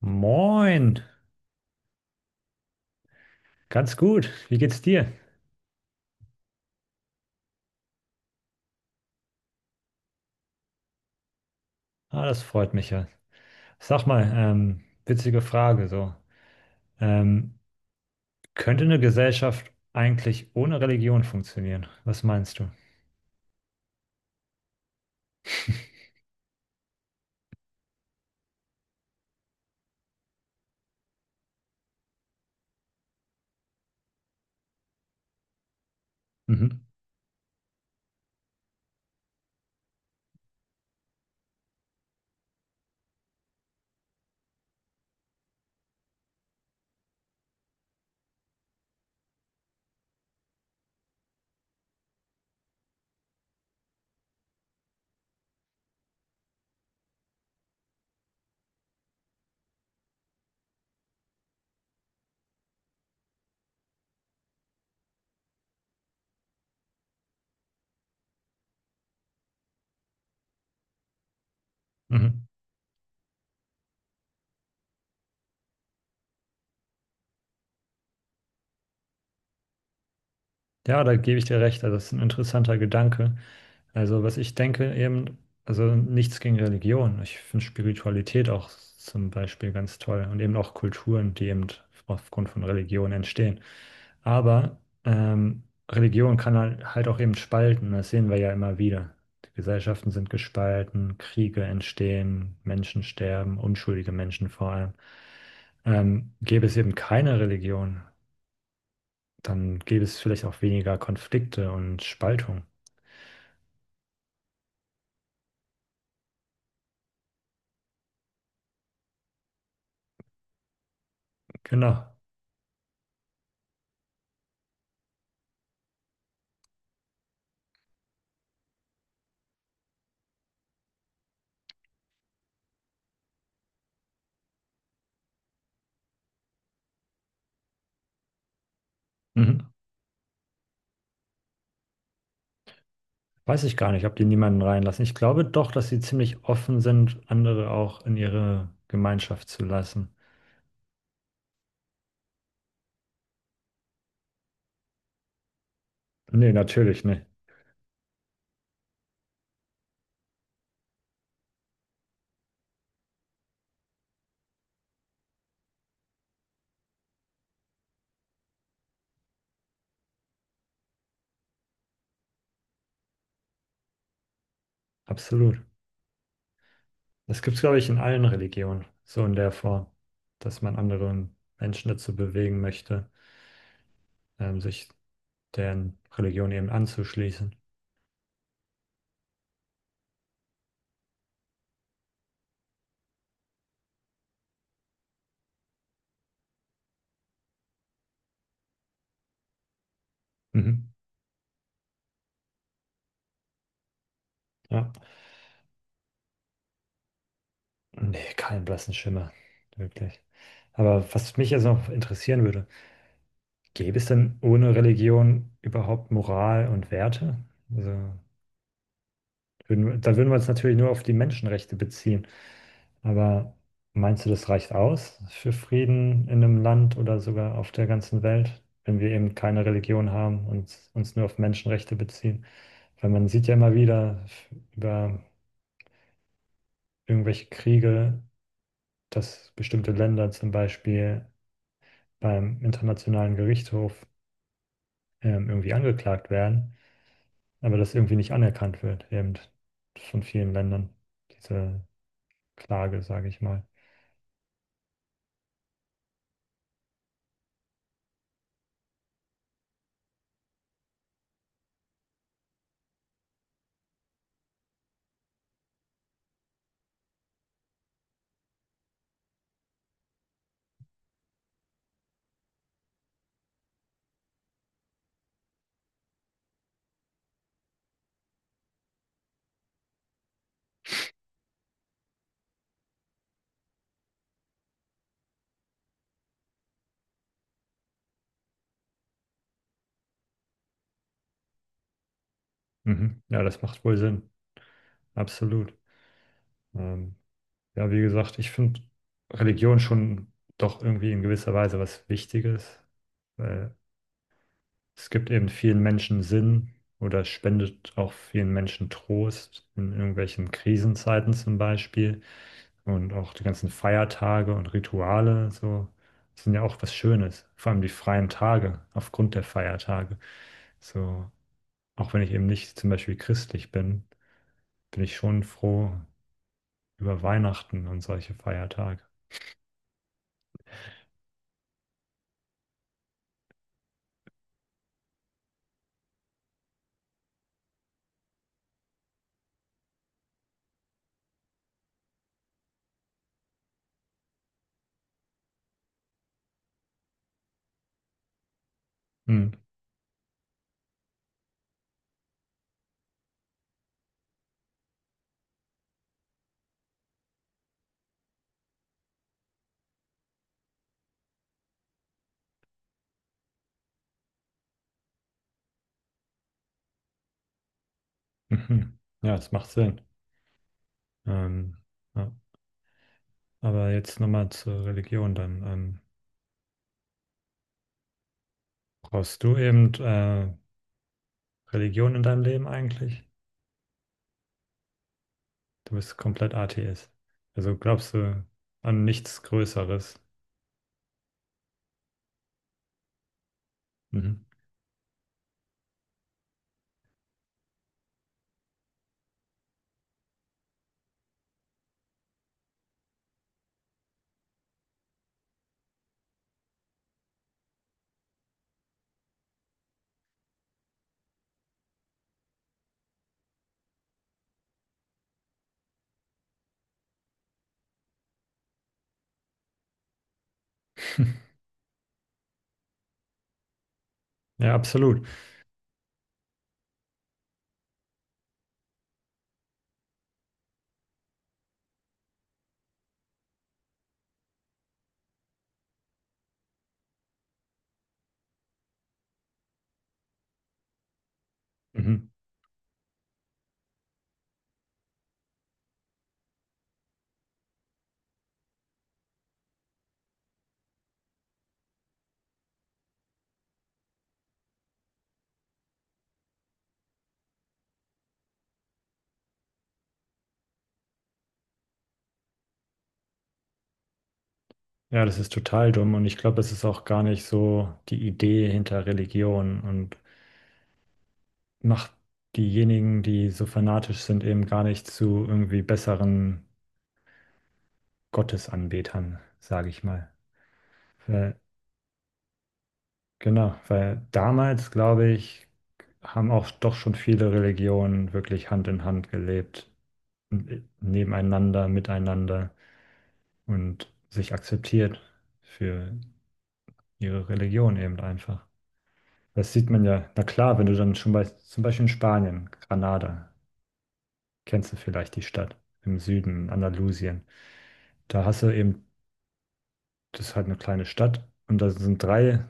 Moin, ganz gut. Wie geht's dir? Ah, das freut mich ja. Sag mal, witzige Frage so. Ähm, Könnte eine Gesellschaft eigentlich ohne Religion funktionieren? Was meinst du? Mhm. Mhm. Ja, da gebe ich dir recht. Also das ist ein interessanter Gedanke. Also was ich denke eben, also nichts gegen Religion. Ich finde Spiritualität auch zum Beispiel ganz toll und eben auch Kulturen, die eben aufgrund von Religion entstehen. Aber ähm, Religion kann halt auch eben spalten. Das sehen wir ja immer wieder. Die Gesellschaften sind gespalten, Kriege entstehen, Menschen sterben, unschuldige Menschen vor allem. Gäbe es eben keine Religion, dann gäbe es vielleicht auch weniger Konflikte und Spaltung. Genau. Mhm. Weiß ich gar nicht, ob die niemanden reinlassen. Ich glaube doch, dass sie ziemlich offen sind, andere auch in ihre Gemeinschaft zu lassen. Nee, natürlich nicht. Absolut. Das gibt es, glaube ich, in allen Religionen, so in der Form, dass man andere Menschen dazu bewegen möchte, sich deren Religion eben anzuschließen. Mhm. Ja. Nee, keinen blassen Schimmer. Wirklich. Aber was mich jetzt noch interessieren würde: Gäbe es denn ohne Religion überhaupt Moral und Werte? Also, da würden wir uns natürlich nur auf die Menschenrechte beziehen. Aber meinst du, das reicht aus für Frieden in einem Land oder sogar auf der ganzen Welt, wenn wir eben keine Religion haben und uns nur auf Menschenrechte beziehen? Weil man sieht ja immer wieder über irgendwelche Kriege, dass bestimmte Länder zum Beispiel beim Internationalen Gerichtshof irgendwie angeklagt werden, aber das irgendwie nicht anerkannt wird, eben von vielen Ländern, diese Klage, sage ich mal. Mhm. Ja, das macht wohl Sinn, absolut. Ähm, ja, wie gesagt, ich finde Religion schon doch irgendwie in gewisser Weise was Wichtiges, weil: Es gibt eben vielen Menschen Sinn oder spendet auch vielen Menschen Trost in irgendwelchen Krisenzeiten zum Beispiel. Und auch die ganzen Feiertage und Rituale, so, sind ja auch was Schönes. Vor allem die freien Tage aufgrund der Feiertage. So, auch wenn ich eben nicht zum Beispiel christlich bin, bin ich schon froh über Weihnachten und solche Feiertage. Hm. Mhm. Ja, das macht Sinn. Ähm, ja. Aber jetzt nochmal zur Religion dann. Brauchst du eben Religion in deinem Leben eigentlich? Du bist komplett Atheist. Also glaubst du an nichts Größeres? Mhm. Ja, absolut. Mhm. Ja, das ist total dumm und ich glaube, es ist auch gar nicht so die Idee hinter Religion und macht diejenigen, die so fanatisch sind, eben gar nicht zu irgendwie besseren Gottesanbetern, sage ich mal. Weil, genau, weil damals, glaube ich, haben auch doch schon viele Religionen wirklich Hand in Hand gelebt, nebeneinander, miteinander und sich akzeptiert für ihre Religion eben einfach. Das sieht man ja, na klar, wenn du dann schon zum Beispiel in Spanien, Granada, kennst du vielleicht die Stadt im Süden, in Andalusien, da hast du eben, das ist halt eine kleine Stadt und da sind drei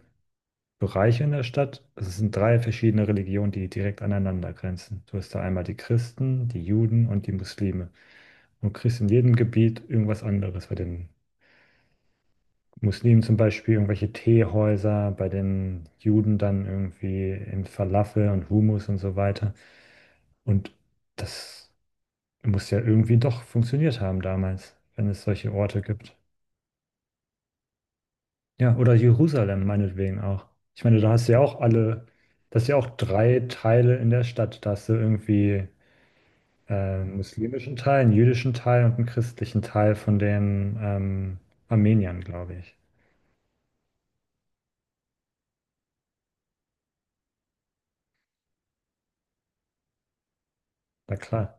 Bereiche in der Stadt. Also es sind drei verschiedene Religionen, die direkt aneinander grenzen. Du hast da einmal die Christen, die Juden und die Muslime. Und du kriegst in jedem Gebiet irgendwas anderes. Bei den Muslimen zum Beispiel irgendwelche Teehäuser, bei den Juden dann irgendwie in Falafel und Hummus und so weiter. Und das muss ja irgendwie doch funktioniert haben damals, wenn es solche Orte gibt. Ja, oder Jerusalem meinetwegen auch. Ich meine, da hast du ja auch alle, das ist ja auch drei Teile in der Stadt. Da hast du irgendwie einen muslimischen Teil, einen jüdischen Teil und einen christlichen Teil von den Armeniern, glaube ich. Na klar.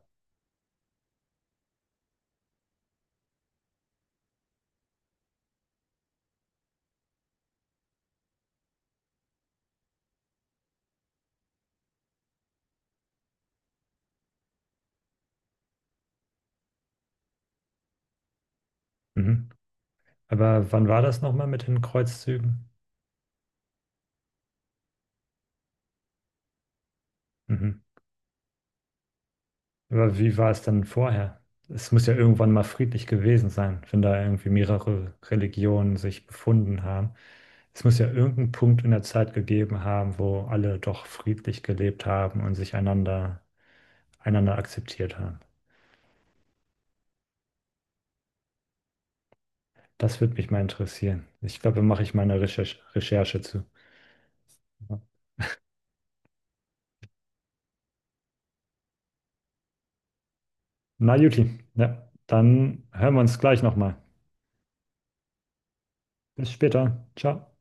Mhm. Aber wann war das nochmal mit den Kreuzzügen? Mhm. Aber wie war es denn vorher? Es muss ja irgendwann mal friedlich gewesen sein, wenn da irgendwie mehrere Religionen sich befunden haben. Es muss ja irgendeinen Punkt in der Zeit gegeben haben, wo alle doch friedlich gelebt haben und sich einander, einander akzeptiert haben. Das würde mich mal interessieren. Ich glaube, da mache ich meine Recherche zu. Na, Juti, ja, dann hören wir uns gleich nochmal. Bis später. Ciao.